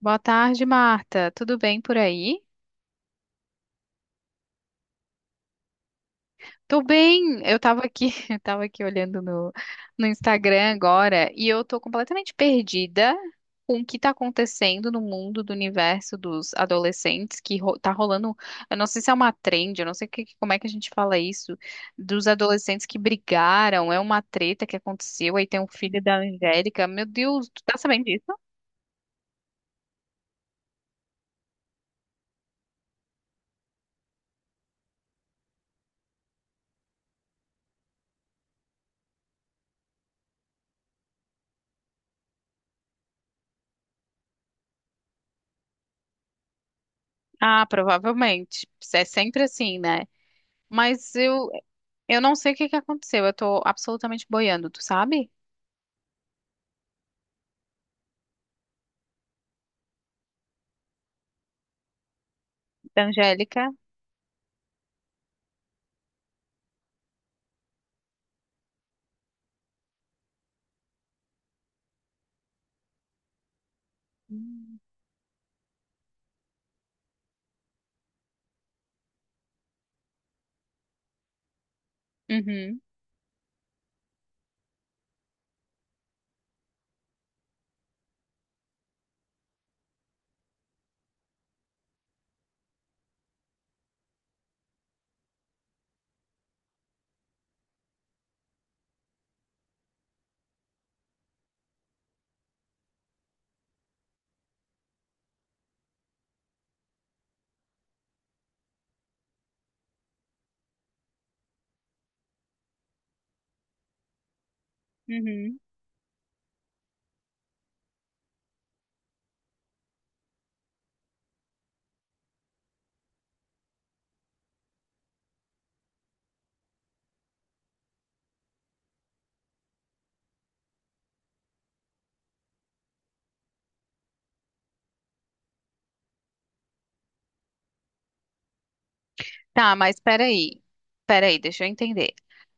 Boa tarde, Marta. Tudo bem por aí? Tô bem. Eu tava aqui olhando no Instagram agora e eu tô completamente perdida com o que tá acontecendo no mundo do universo dos adolescentes, que ro tá rolando. Eu não sei se é uma trend, eu não sei como é que a gente fala isso, dos adolescentes que brigaram, é uma treta que aconteceu, aí tem um filho da Angélica. Meu Deus, tu tá sabendo disso? Ah, provavelmente. É sempre assim, né? Mas eu, Eu não sei o que que aconteceu. Eu tô absolutamente boiando, tu sabe? Da Angélica. Hum. Uhum, uhum. Tá, mas peraí. Peraí, deixa eu entender.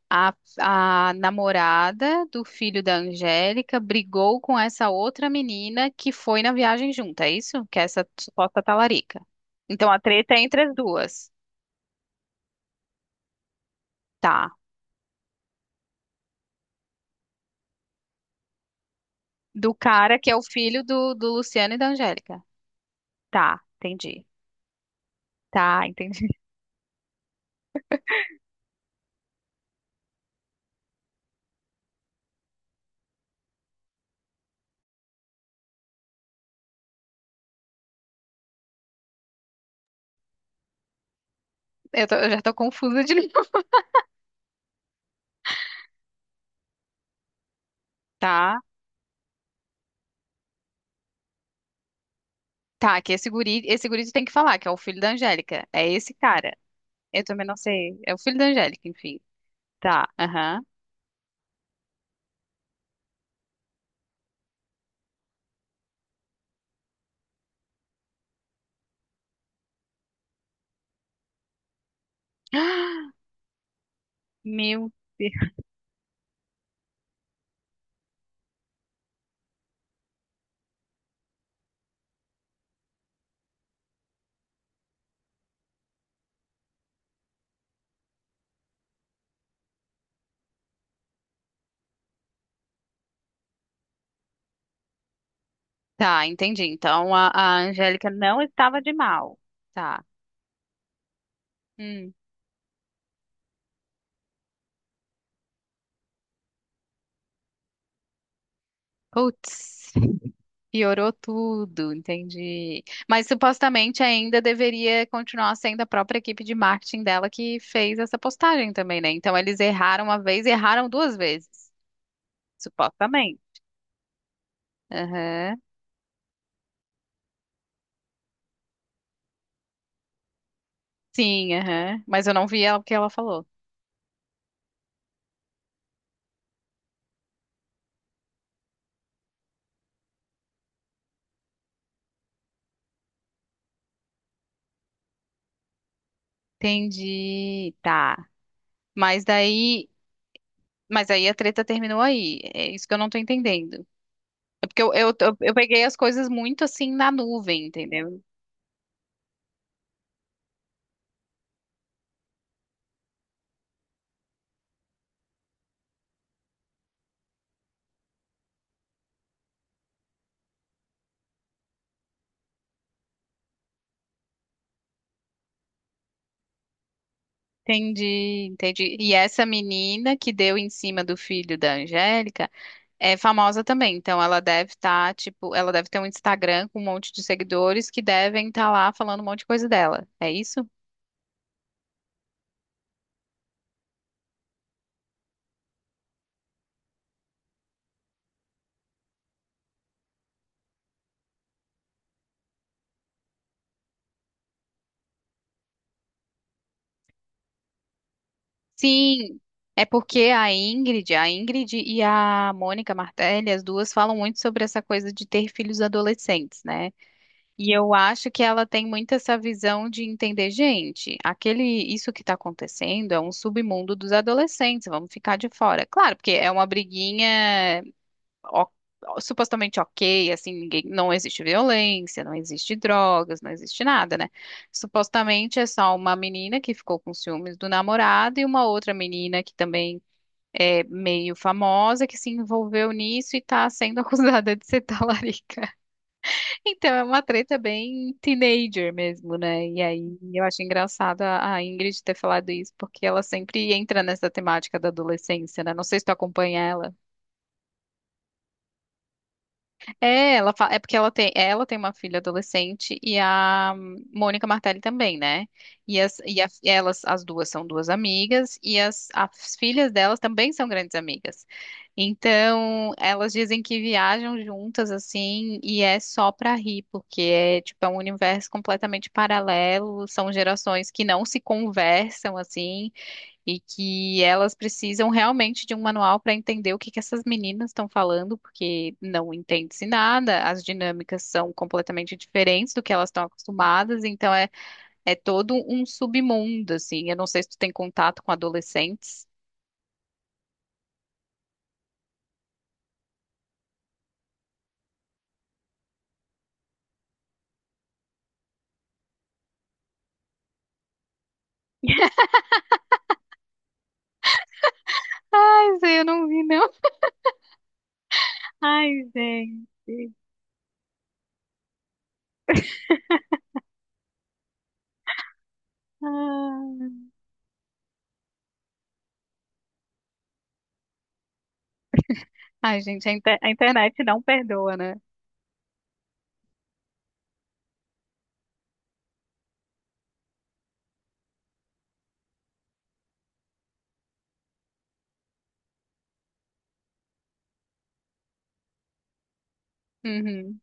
A, a namorada do filho da Angélica brigou com essa outra menina que foi na viagem junto. É isso? Que é essa suposta talarica. Então a treta é entre as duas. Tá. Do cara que é o filho do Luciano e da Angélica. Tá, entendi. Tá, entendi. Eu já tô confusa de novo. Tá. Tá, que esse guri tu tem que falar, que é o filho da Angélica. É esse cara. Eu também não sei. É o filho da Angélica, enfim. Tá, aham. Meu Deus. Tá, entendi. Então a Angélica não estava de mal. Tá. Hum. Putz, piorou tudo, entendi. Mas supostamente ainda deveria continuar sendo a própria equipe de marketing dela que fez essa postagem também, né? Então eles erraram uma vez e erraram duas vezes, supostamente. Aham. Sim, aham. Mas eu não vi ela, o que ela falou. Entendi. Tá. Mas daí, mas aí a treta terminou aí. É isso que eu não tô entendendo. É porque eu peguei as coisas muito assim na nuvem, entendeu? Entendi, entendi. E essa menina que deu em cima do filho da Angélica é famosa também. Então ela deve estar, tipo, ela deve ter um Instagram com um monte de seguidores que devem estar lá falando um monte de coisa dela. É isso? Sim, é porque a Ingrid e a Mônica Martelli, as duas falam muito sobre essa coisa de ter filhos adolescentes, né? E eu acho que ela tem muito essa visão de entender, gente, aquele isso que está acontecendo é um submundo dos adolescentes, vamos ficar de fora. Claro, porque é uma briguinha o- supostamente ok, assim, ninguém, não existe violência, não existe drogas, não existe nada, né? Supostamente é só uma menina que ficou com ciúmes do namorado e uma outra menina que também é meio famosa que se envolveu nisso e tá sendo acusada de ser talarica. Então é uma treta bem teenager mesmo, né? E aí eu acho engraçado a Ingrid ter falado isso, porque ela sempre entra nessa temática da adolescência, né? Não sei se tu acompanha ela. É, é porque ela tem uma filha adolescente e a Mônica Martelli também, né? Elas, as duas são duas amigas e as filhas delas também são grandes amigas. Então, elas dizem que viajam juntas assim e é só pra rir, porque é tipo é um universo completamente paralelo, são gerações que não se conversam assim e que elas precisam realmente de um manual para entender o que que essas meninas estão falando, porque não entende-se nada, as dinâmicas são completamente diferentes do que elas estão acostumadas, então é todo um submundo, assim. Eu não sei se tu tem contato com adolescentes. Essa eu não vi, não. Ai, gente. Ah. Ai, gente, a internet não perdoa, né? Uhum.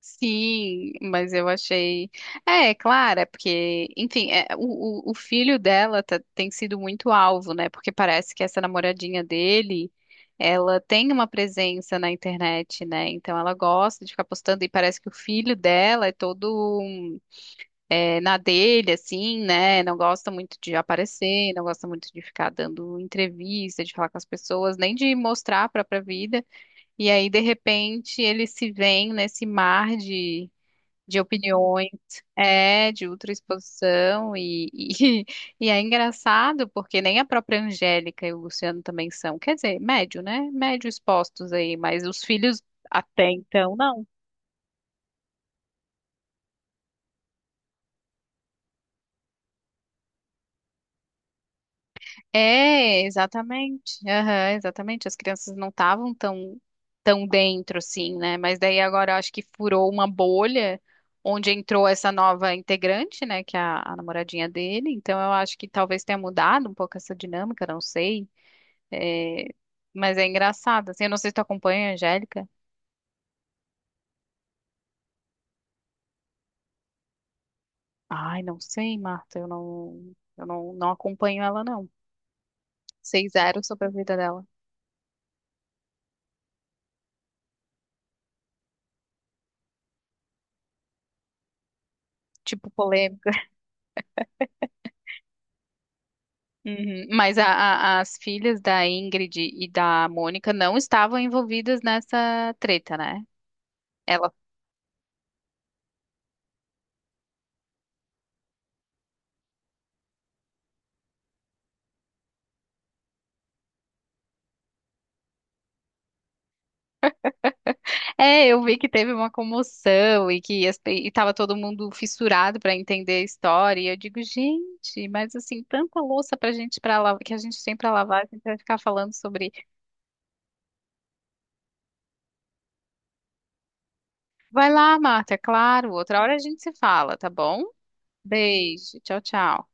Sim, mas eu achei. É, é claro, é porque, enfim, é, o filho dela tem sido muito alvo, né? Porque parece que essa namoradinha dele, ela tem uma presença na internet, né? Então ela gosta de ficar postando e parece que o filho dela é todo na dele, assim, né? Não gosta muito de aparecer, não gosta muito de ficar dando entrevista, de falar com as pessoas, nem de mostrar a própria vida. E aí, de repente, ele se vê nesse mar de opiniões, é, de ultraexposição e é engraçado porque nem a própria Angélica e o Luciano também são, quer dizer, médio, né? Médio expostos aí, mas os filhos até então não. É, exatamente, aham, exatamente, as crianças não estavam tão dentro assim, né? Mas daí agora eu acho que furou uma bolha onde entrou essa nova integrante, né, que é a namoradinha dele, então eu acho que talvez tenha mudado um pouco essa dinâmica, não sei. É, mas é engraçado, assim, eu não sei se tu acompanha a Angélica. Ai, não sei, Marta, eu não, não acompanho ela, não. Sei zero sobre a vida dela. Tipo, polêmica. Uhum. As filhas da Ingrid e da Mônica não estavam envolvidas nessa treta, né? Ela... É, eu vi que teve uma comoção e que e tava todo mundo fissurado pra entender a história. E eu digo, gente, mas assim, tanta louça pra lavar, que a gente tem pra lavar, a gente vai ficar falando sobre. Vai lá, Marta, é claro. Outra hora a gente se fala, tá bom? Beijo, tchau, tchau.